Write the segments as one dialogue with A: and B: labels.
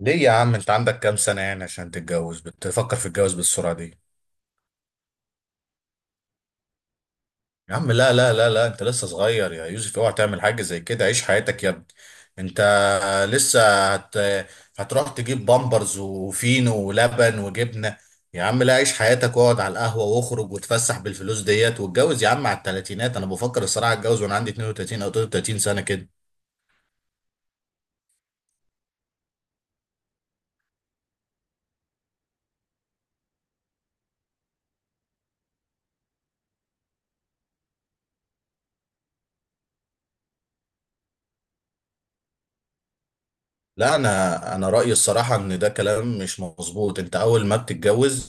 A: ليه يا عم؟ انت عندك كام سنة يعني عشان تتجوز؟ بتفكر في الجواز بالسرعة دي؟ يا عم لا لا لا لا، انت لسه صغير يا يوسف، اوعى تعمل حاجة زي كده. عيش حياتك يا ابني. انت لسه هت... هتروح تجيب بامبرز وفينو ولبن وجبنة. يا عم لا، عيش حياتك واقعد على القهوة واخرج وتفسح بالفلوس ديت، واتجوز يا عم على التلاتينات. انا بفكر الصراحة اتجوز وانا عندي 32 او 33 سنة كده. لا، انا رأيي الصراحة ان ده كلام مش مظبوط. انت اول ما بتتجوز،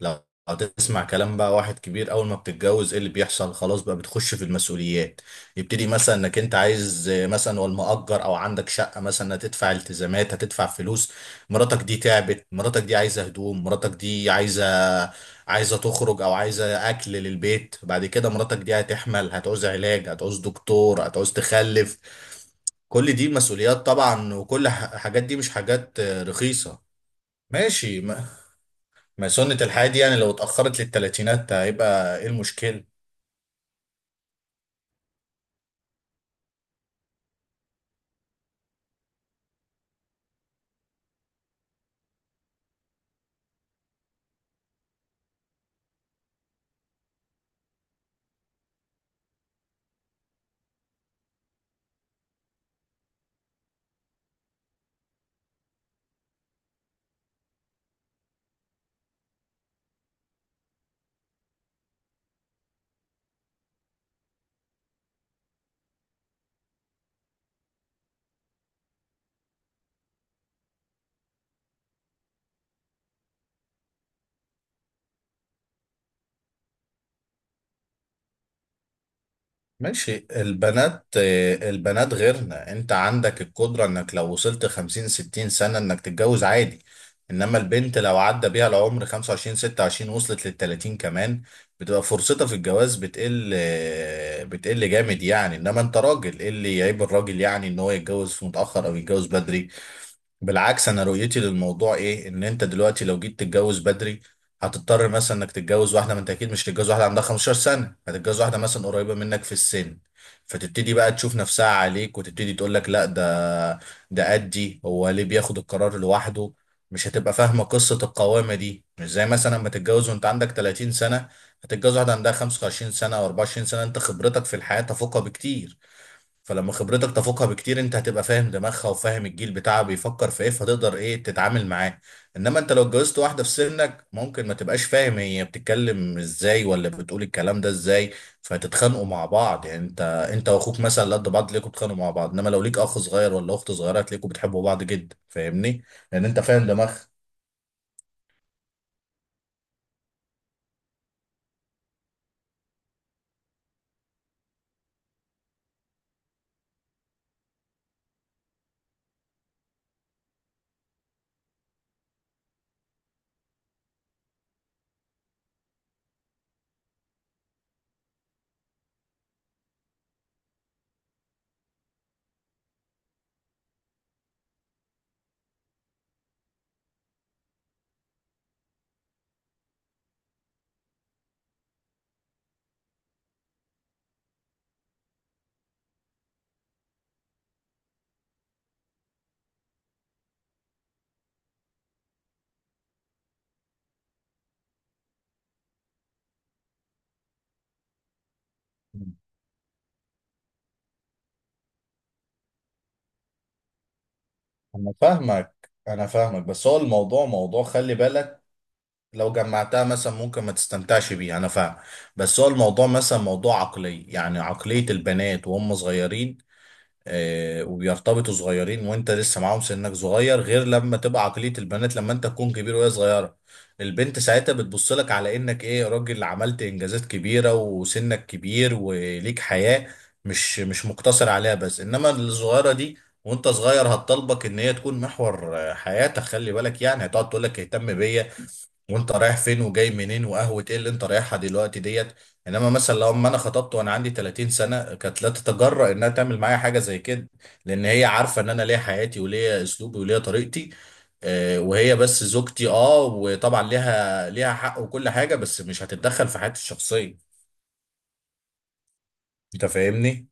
A: لو هتسمع كلام بقى واحد كبير، اول ما بتتجوز ايه اللي بيحصل؟ خلاص بقى بتخش في المسؤوليات. يبتدي مثلا انك انت عايز مثلا والمؤجر او عندك شقه، مثلا هتدفع التزامات، هتدفع فلوس. مراتك دي تعبت، مراتك دي عايزه هدوم، مراتك دي عايزه، عايزه تخرج او عايزه اكل للبيت. بعد كده مراتك دي هتحمل، هتعوز علاج، هتعوز دكتور، هتعوز تخلف. كل دي مسؤوليات طبعا، وكل حاجات دي مش حاجات رخيصه. ماشي، ما سنة الحياة دي يعني لو اتأخرت للتلاتينات هيبقى ايه المشكلة؟ ماشي، البنات البنات غيرنا. انت عندك القدرة انك لو وصلت خمسين ستين سنة انك تتجوز عادي، انما البنت لو عدى بيها العمر خمسة وعشرين ستة وعشرين وصلت للتلاتين كمان، بتبقى فرصتها في الجواز بتقل، بتقل جامد يعني. انما انت راجل، ايه اللي يعيب الراجل يعني ان هو يتجوز في متأخر او يتجوز بدري؟ بالعكس، انا رؤيتي للموضوع ايه، ان انت دلوقتي لو جيت تتجوز بدري هتضطر مثلا انك تتجوز واحده، ما انت اكيد مش هتتجوز واحده عندها 15 سنه، هتتجوز واحده مثلا قريبه منك في السن، فتبتدي بقى تشوف نفسها عليك وتبتدي تقول لك لا، ده قدي، هو ليه بياخد القرار لوحده؟ مش هتبقى فاهمه قصه القوامه دي. مش زي مثلا لما تتجوز وانت عندك 30 سنه، هتتجوز واحده عندها 25 سنه او 24 سنه، انت خبرتك في الحياه تفوقها بكتير. فلما خبرتك تفوقها بكتير، انت هتبقى فاهم دماغها وفاهم الجيل بتاعها بيفكر في ايه، فهتقدر ايه تتعامل معاه. انما انت لو اتجوزت واحده في سنك، ممكن ما تبقاش فاهم هي بتتكلم ازاي ولا بتقول الكلام ده ازاي، فتتخانقوا مع بعض. يعني انت واخوك مثلا قد بعض، تلاقيكوا بتتخانقوا مع بعض، انما لو ليك اخ صغير ولا اخت صغيره، هتلاقيكوا بتحبوا بعض جدا، فاهمني؟ لان انت فاهم دماغها. انا فاهمك. انا فاهمك بس هو الموضوع موضوع خلي بالك. لو جمعتها مثلا ممكن ما تستمتعش بيه، انا فاهم، بس هو الموضوع مثلا موضوع عقلي. يعني عقلية البنات وهم صغيرين، آه، وبيرتبطوا صغيرين وانت لسه معاهم سنك صغير، غير لما تبقى عقلية البنات لما انت تكون كبير وهي صغيرة. البنت ساعتها بتبص لك على انك ايه، راجل عملت انجازات كبيرة وسنك كبير وليك حياة مش مقتصر عليها بس. انما الصغيرة دي وانت صغير، هتطلبك ان هي تكون محور حياتك، خلي بالك، يعني هتقعد تقول لك اهتم بيا، وانت رايح فين وجاي منين، وقهوة ايه اللي انت رايحها دلوقتي ديت. انما مثلا لو ما انا خطبت وانا عندي 30 سنة، كانت لا تتجرأ انها تعمل معايا حاجة زي كده، لان هي عارفة ان انا ليا حياتي وليا اسلوبي وليا طريقتي، وهي بس زوجتي. اه، وطبعا ليها حق وكل حاجة، بس مش هتتدخل في حياتي الشخصية. انت فاهمني؟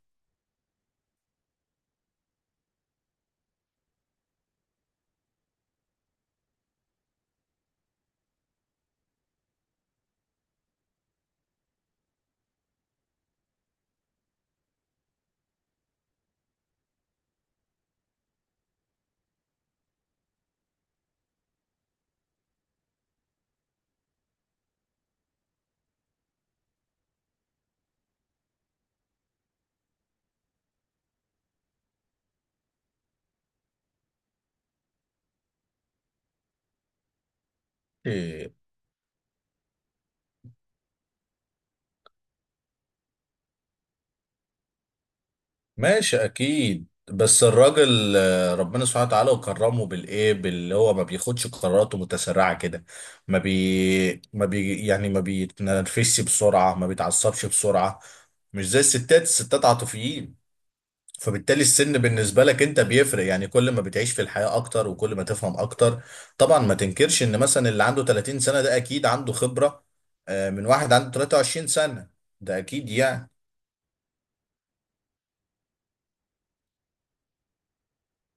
A: ماشي اكيد، بس الراجل، ربنا سبحانه وتعالى وكرمه بالايه باللي هو ما بياخدش قراراته متسرعه كده، ما بي يعني، ما بيتنرفزش بسرعه، ما بيتعصبش بسرعه، مش زي الستات. الستات عاطفيين. فبالتالي السن بالنسبه لك انت بيفرق، يعني كل ما بتعيش في الحياه اكتر وكل ما تفهم اكتر. طبعا ما تنكرش ان مثلا اللي عنده 30 سنه ده اكيد عنده خبره من واحد عنده 23 سنه. ده اكيد يعني.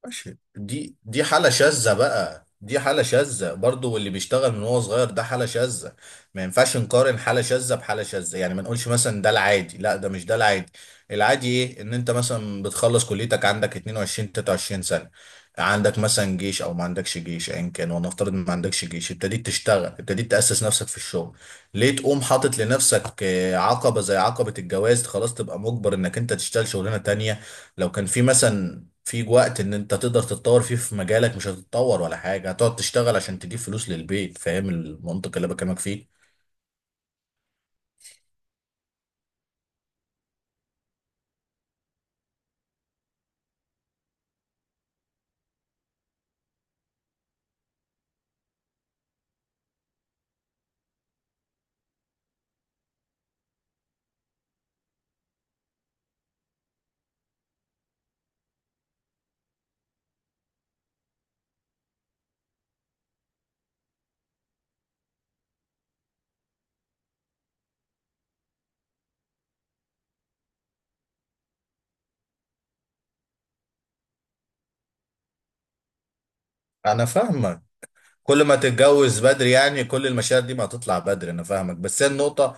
A: ماشي، دي حالة شاذة بقى، دي حالة شاذة برضو، واللي بيشتغل من وهو صغير ده حالة شاذة. ما ينفعش نقارن حالة شاذة بحالة شاذة، يعني ما نقولش مثلا ده العادي، لا ده مش ده العادي. العادي ايه؟ ان انت مثلا بتخلص كليتك عندك 22 23 سنة، عندك مثلا جيش او ما عندكش جيش، ايا كان، ونفترض ما عندكش جيش، ابتديت تشتغل، ابتديت تأسس نفسك في الشغل. ليه تقوم حاطط لنفسك عقبة زي عقبة الجواز؟ خلاص تبقى مجبر انك انت تشتغل شغلانة تانية. لو كان في مثلا في وقت ان انت تقدر تتطور فيه في مجالك، مش هتتطور ولا حاجة، هتقعد تشتغل عشان تجيب فلوس للبيت. فاهم المنطق اللي بكلمك فيه؟ انا فاهمك. كل ما تتجوز بدري يعني كل المشاعر دي ما هتطلع بدري، انا فاهمك، بس هي النقطة.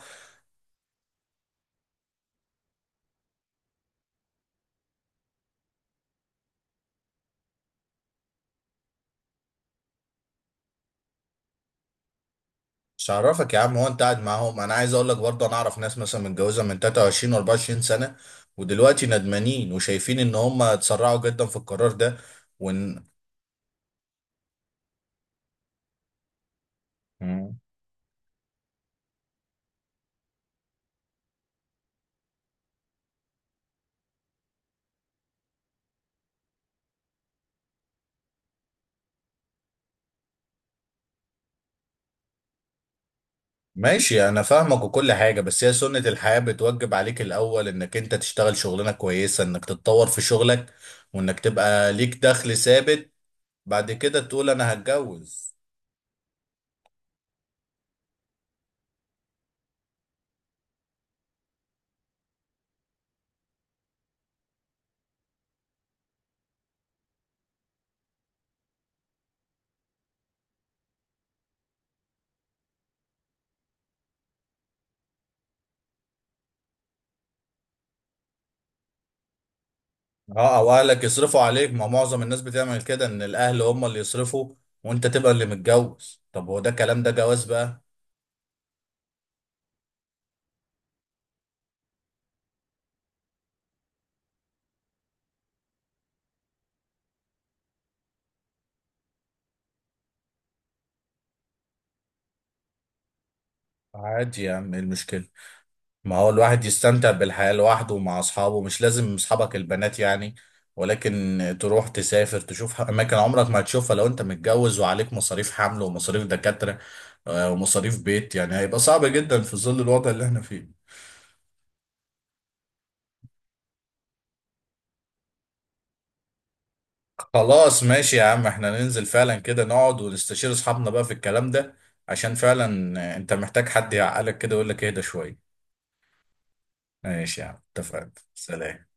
A: مش هعرفك يا عم، هو انت قاعد معاهم؟ انا عايز اقول لك برضه، انا اعرف ناس مثلا متجوزة من 23 و 24 سنة، ودلوقتي ندمانين وشايفين ان هم اتسرعوا جدا في القرار ده. وان ماشي، انا فاهمك وكل حاجة، بس هي سنة الحياة بتوجب عليك الاول انك انت تشتغل شغلانة كويسة، انك تتطور في شغلك، وانك تبقى ليك دخل ثابت، بعد كده تقول انا هتجوز. اه، او اهلك يصرفوا عليك، ما معظم الناس بتعمل كده، ان الاهل هم اللي يصرفوا وانت تبقى اللي متجوز. طب هو ده كلام؟ ده جواز بقى؟ عادي يا عم، ايه المشكلة؟ ما هو الواحد يستمتع بالحياة لوحده ومع أصحابه، مش لازم أصحابك البنات يعني، ولكن تروح تسافر، تشوف أماكن عمرك ما هتشوفها لو أنت متجوز وعليك مصاريف حمل ومصاريف دكاترة، ومصاريف بيت. يعني هيبقى صعب جدا في ظل الوضع اللي احنا فيه. خلاص ماشي يا عم، احنا ننزل فعلا كده، نقعد ونستشير أصحابنا بقى في الكلام ده، عشان فعلا أنت محتاج حد يعقلك كده ويقول لك اهدى شوية. ماشي يا عم، اتفقنا، سلام.